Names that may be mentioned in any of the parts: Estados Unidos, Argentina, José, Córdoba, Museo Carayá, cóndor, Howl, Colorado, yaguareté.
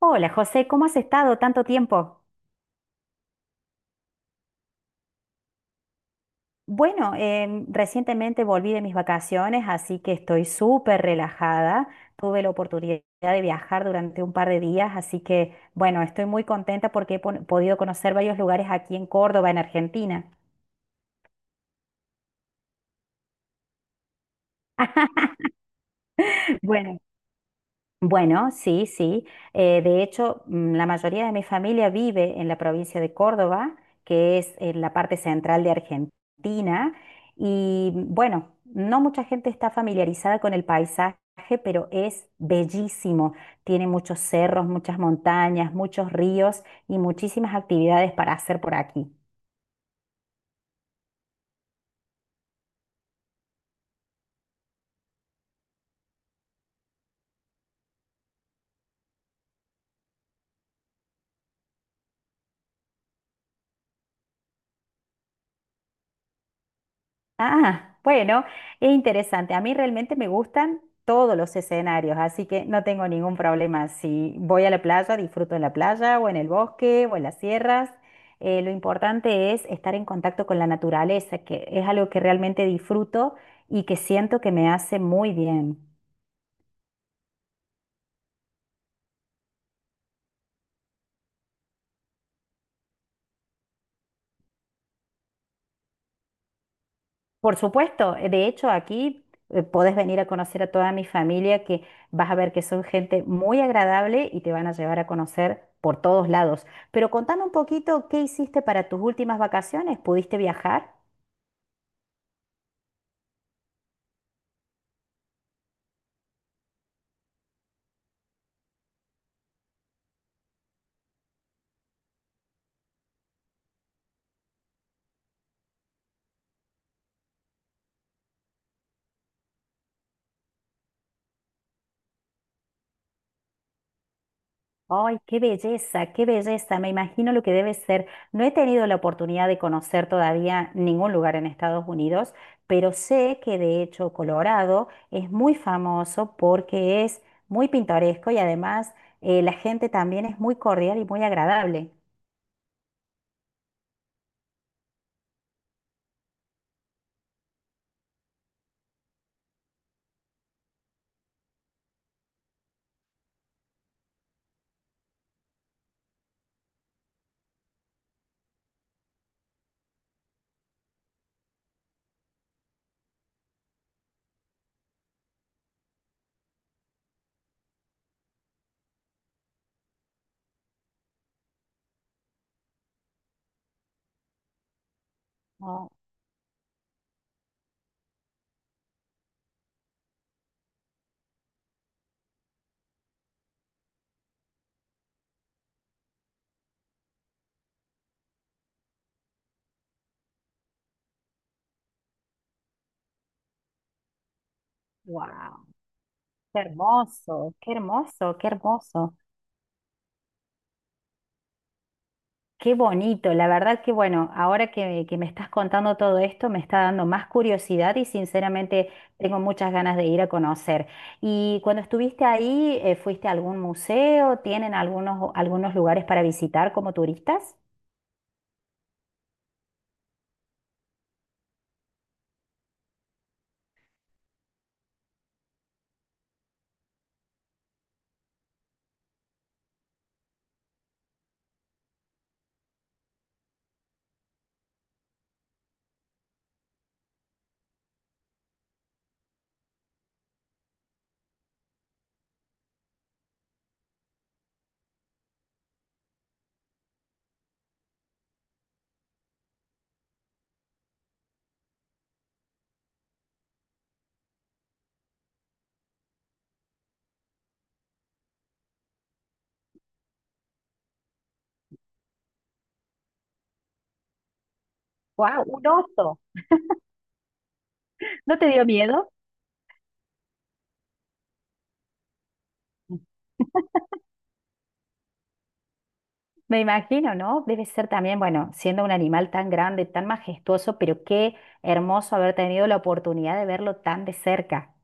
Hola José, ¿cómo has estado tanto tiempo? Bueno, recientemente volví de mis vacaciones, así que estoy súper relajada. Tuve la oportunidad de viajar durante un par de días, así que bueno, estoy muy contenta porque podido conocer varios lugares aquí en Córdoba, en Argentina. Bueno, Bueno, sí, sí. De hecho, la mayoría de mi familia vive en la provincia de Córdoba, que es en la parte central de Argentina. Y bueno, no mucha gente está familiarizada con el paisaje, pero es bellísimo. Tiene muchos cerros, muchas montañas, muchos ríos y muchísimas actividades para hacer por aquí. Ah, bueno, es interesante. A mí realmente me gustan todos los escenarios, así que no tengo ningún problema. Si voy a la playa, disfruto en la playa o en el bosque o en las sierras. Lo importante es estar en contacto con la naturaleza, que es algo que realmente disfruto y que siento que me hace muy bien. Por supuesto, de hecho aquí podés venir a conocer a toda mi familia que vas a ver que son gente muy agradable y te van a llevar a conocer por todos lados. Pero contame un poquito qué hiciste para tus últimas vacaciones, ¿pudiste viajar? Ay, qué belleza, qué belleza. Me imagino lo que debe ser. No he tenido la oportunidad de conocer todavía ningún lugar en Estados Unidos, pero sé que de hecho Colorado es muy famoso porque es muy pintoresco y además la gente también es muy cordial y muy agradable. Oh, wow, qué hermoso, qué hermoso, qué hermoso. Qué bonito, la verdad que bueno, que me estás contando todo esto, me está dando más curiosidad y sinceramente tengo muchas ganas de ir a conocer. Y cuando estuviste ahí, ¿fuiste a algún museo? ¿Tienen algunos, algunos lugares para visitar como turistas? ¡Wow! ¡Un oso! ¿No te dio miedo? Me imagino, ¿no? Debe ser también, bueno, siendo un animal tan grande, tan majestuoso, pero qué hermoso haber tenido la oportunidad de verlo tan de cerca.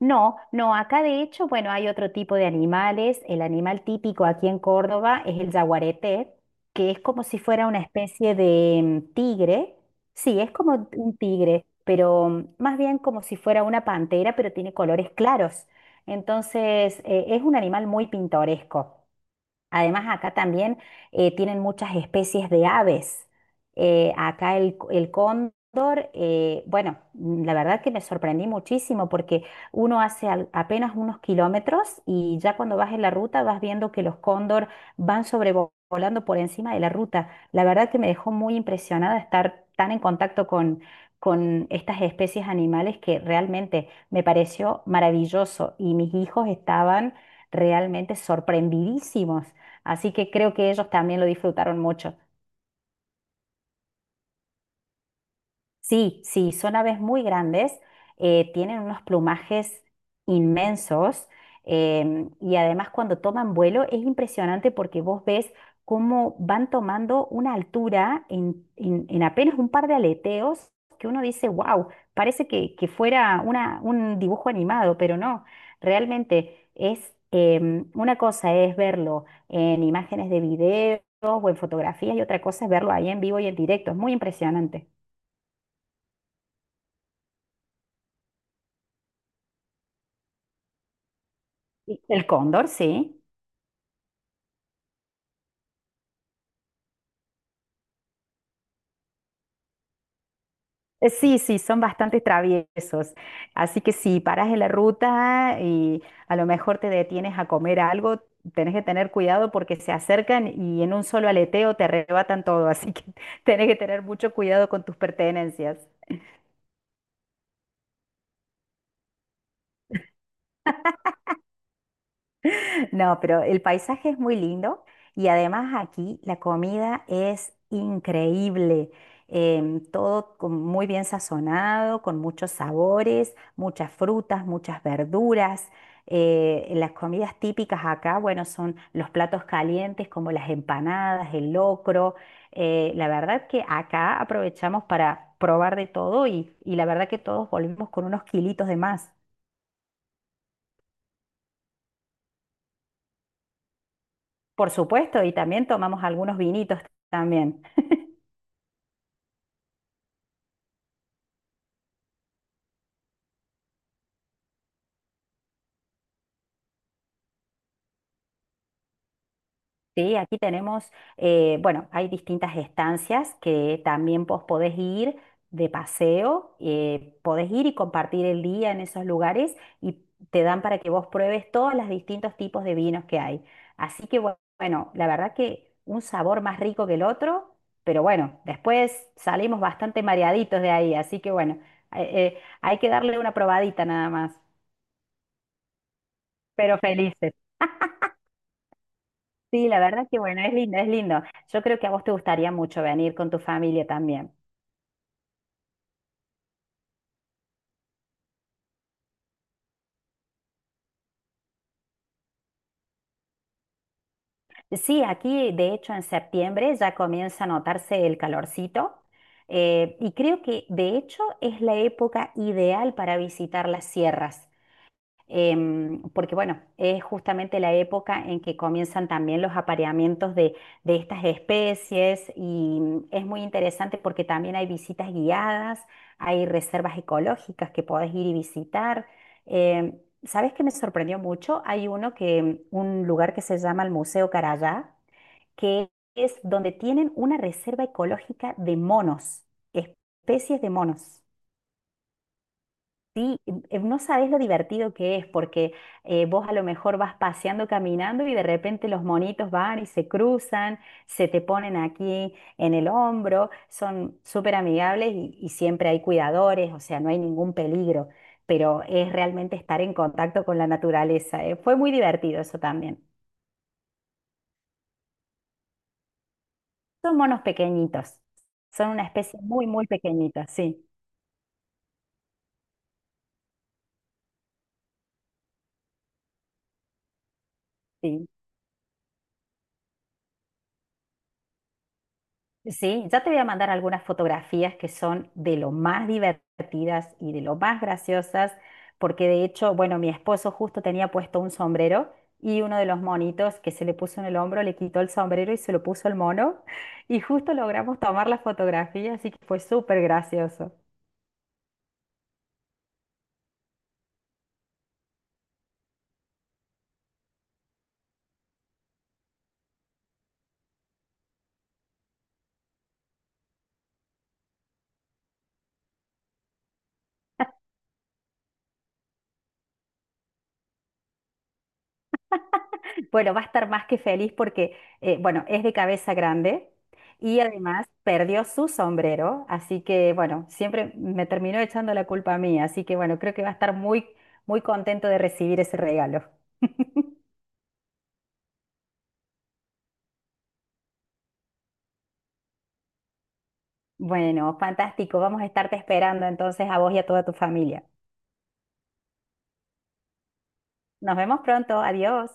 No, no, acá de hecho, bueno, hay otro tipo de animales. El animal típico aquí en Córdoba es el yaguareté, que es como si fuera una especie de tigre. Sí, es como un tigre, pero más bien como si fuera una pantera, pero tiene colores claros. Entonces, es un animal muy pintoresco. Además, acá también tienen muchas especies de aves. Acá el, c- El cóndor, bueno, la verdad que me sorprendí muchísimo porque uno apenas unos kilómetros y ya cuando vas en la ruta vas viendo que los cóndor van sobrevolando por encima de la ruta. La verdad que me dejó muy impresionada estar tan con estas especies animales que realmente me pareció maravilloso y mis hijos estaban realmente sorprendidísimos. Así que creo que ellos también lo disfrutaron mucho. Sí, sí, son aves muy grandes, tienen unos plumajes inmensos, y además cuando toman vuelo es impresionante porque vos ves cómo van tomando una altura en apenas un par de aleteos que uno dice, wow, parece que fuera un dibujo animado, pero no, realmente es, una cosa es verlo en imágenes de videos o en fotografías y otra cosa es verlo ahí en vivo y en directo, es muy impresionante. Y el cóndor, sí. Sí, sí, son bastante traviesos. Así que si paras en la ruta y a lo mejor te detienes a comer algo, tenés que tener cuidado porque se acercan y en un solo aleteo te arrebatan todo. Así que tenés que tener mucho cuidado con tus pertenencias. No, pero el paisaje es muy lindo y además aquí la comida es increíble. Muy bien sazonado, con muchos sabores, muchas frutas, muchas verduras. Las comidas típicas acá, bueno, son los platos calientes como las empanadas, el locro. La verdad que acá aprovechamos para probar de todo y la verdad que todos volvimos con unos kilitos de más. Por supuesto, y también tomamos algunos vinitos también. Sí, aquí tenemos, bueno, hay distintas estancias que también vos podés ir de paseo, podés ir y compartir el día en esos lugares y te dan para que vos pruebes todos los distintos tipos de vinos que hay. Así que bueno, la verdad que un sabor más rico que el otro, pero bueno, después salimos bastante mareaditos de ahí, así que bueno, eh, hay que darle una probadita nada más, pero felices. Sí, la verdad que bueno, es lindo, es lindo. Yo creo que a vos te gustaría mucho venir con tu familia también. Sí, aquí de hecho en septiembre ya comienza a notarse el calorcito, y creo que de hecho es la época ideal para visitar las sierras. Porque bueno, es justamente la época en que comienzan también los apareamientos de estas especies y es muy interesante porque también hay visitas guiadas, hay reservas ecológicas que podés ir y visitar. ¿Sabes qué me sorprendió mucho? Hay uno que, un lugar que se llama el Museo Carayá, que es donde tienen una reserva ecológica de monos, especies de monos. Sí, no sabes lo divertido que es, porque vos a lo mejor vas paseando, caminando y de repente los monitos van y se cruzan, se te ponen aquí en el hombro, son súper amigables y siempre hay cuidadores, o sea, no hay ningún peligro, pero es realmente estar en contacto con la naturaleza. Fue muy divertido eso también. Son monos pequeñitos, son una especie muy, muy pequeñita, sí, sí. Sí, ya te voy a mandar algunas fotografías que son de lo más divertidas y de lo más graciosas, porque de hecho, bueno, mi esposo justo tenía puesto un sombrero y uno de los monitos que se le puso en el hombro le quitó el sombrero y se lo puso el mono y justo logramos tomar la fotografía, así que fue súper gracioso. Bueno, va a estar más que feliz porque, bueno, es de cabeza grande y además perdió su sombrero, así que, bueno, siempre me terminó echando la culpa a mí, así que, bueno, creo que va a estar muy, muy contento de recibir ese regalo. Bueno, fantástico, vamos a estarte esperando entonces a vos y a toda tu familia. Nos vemos pronto, adiós.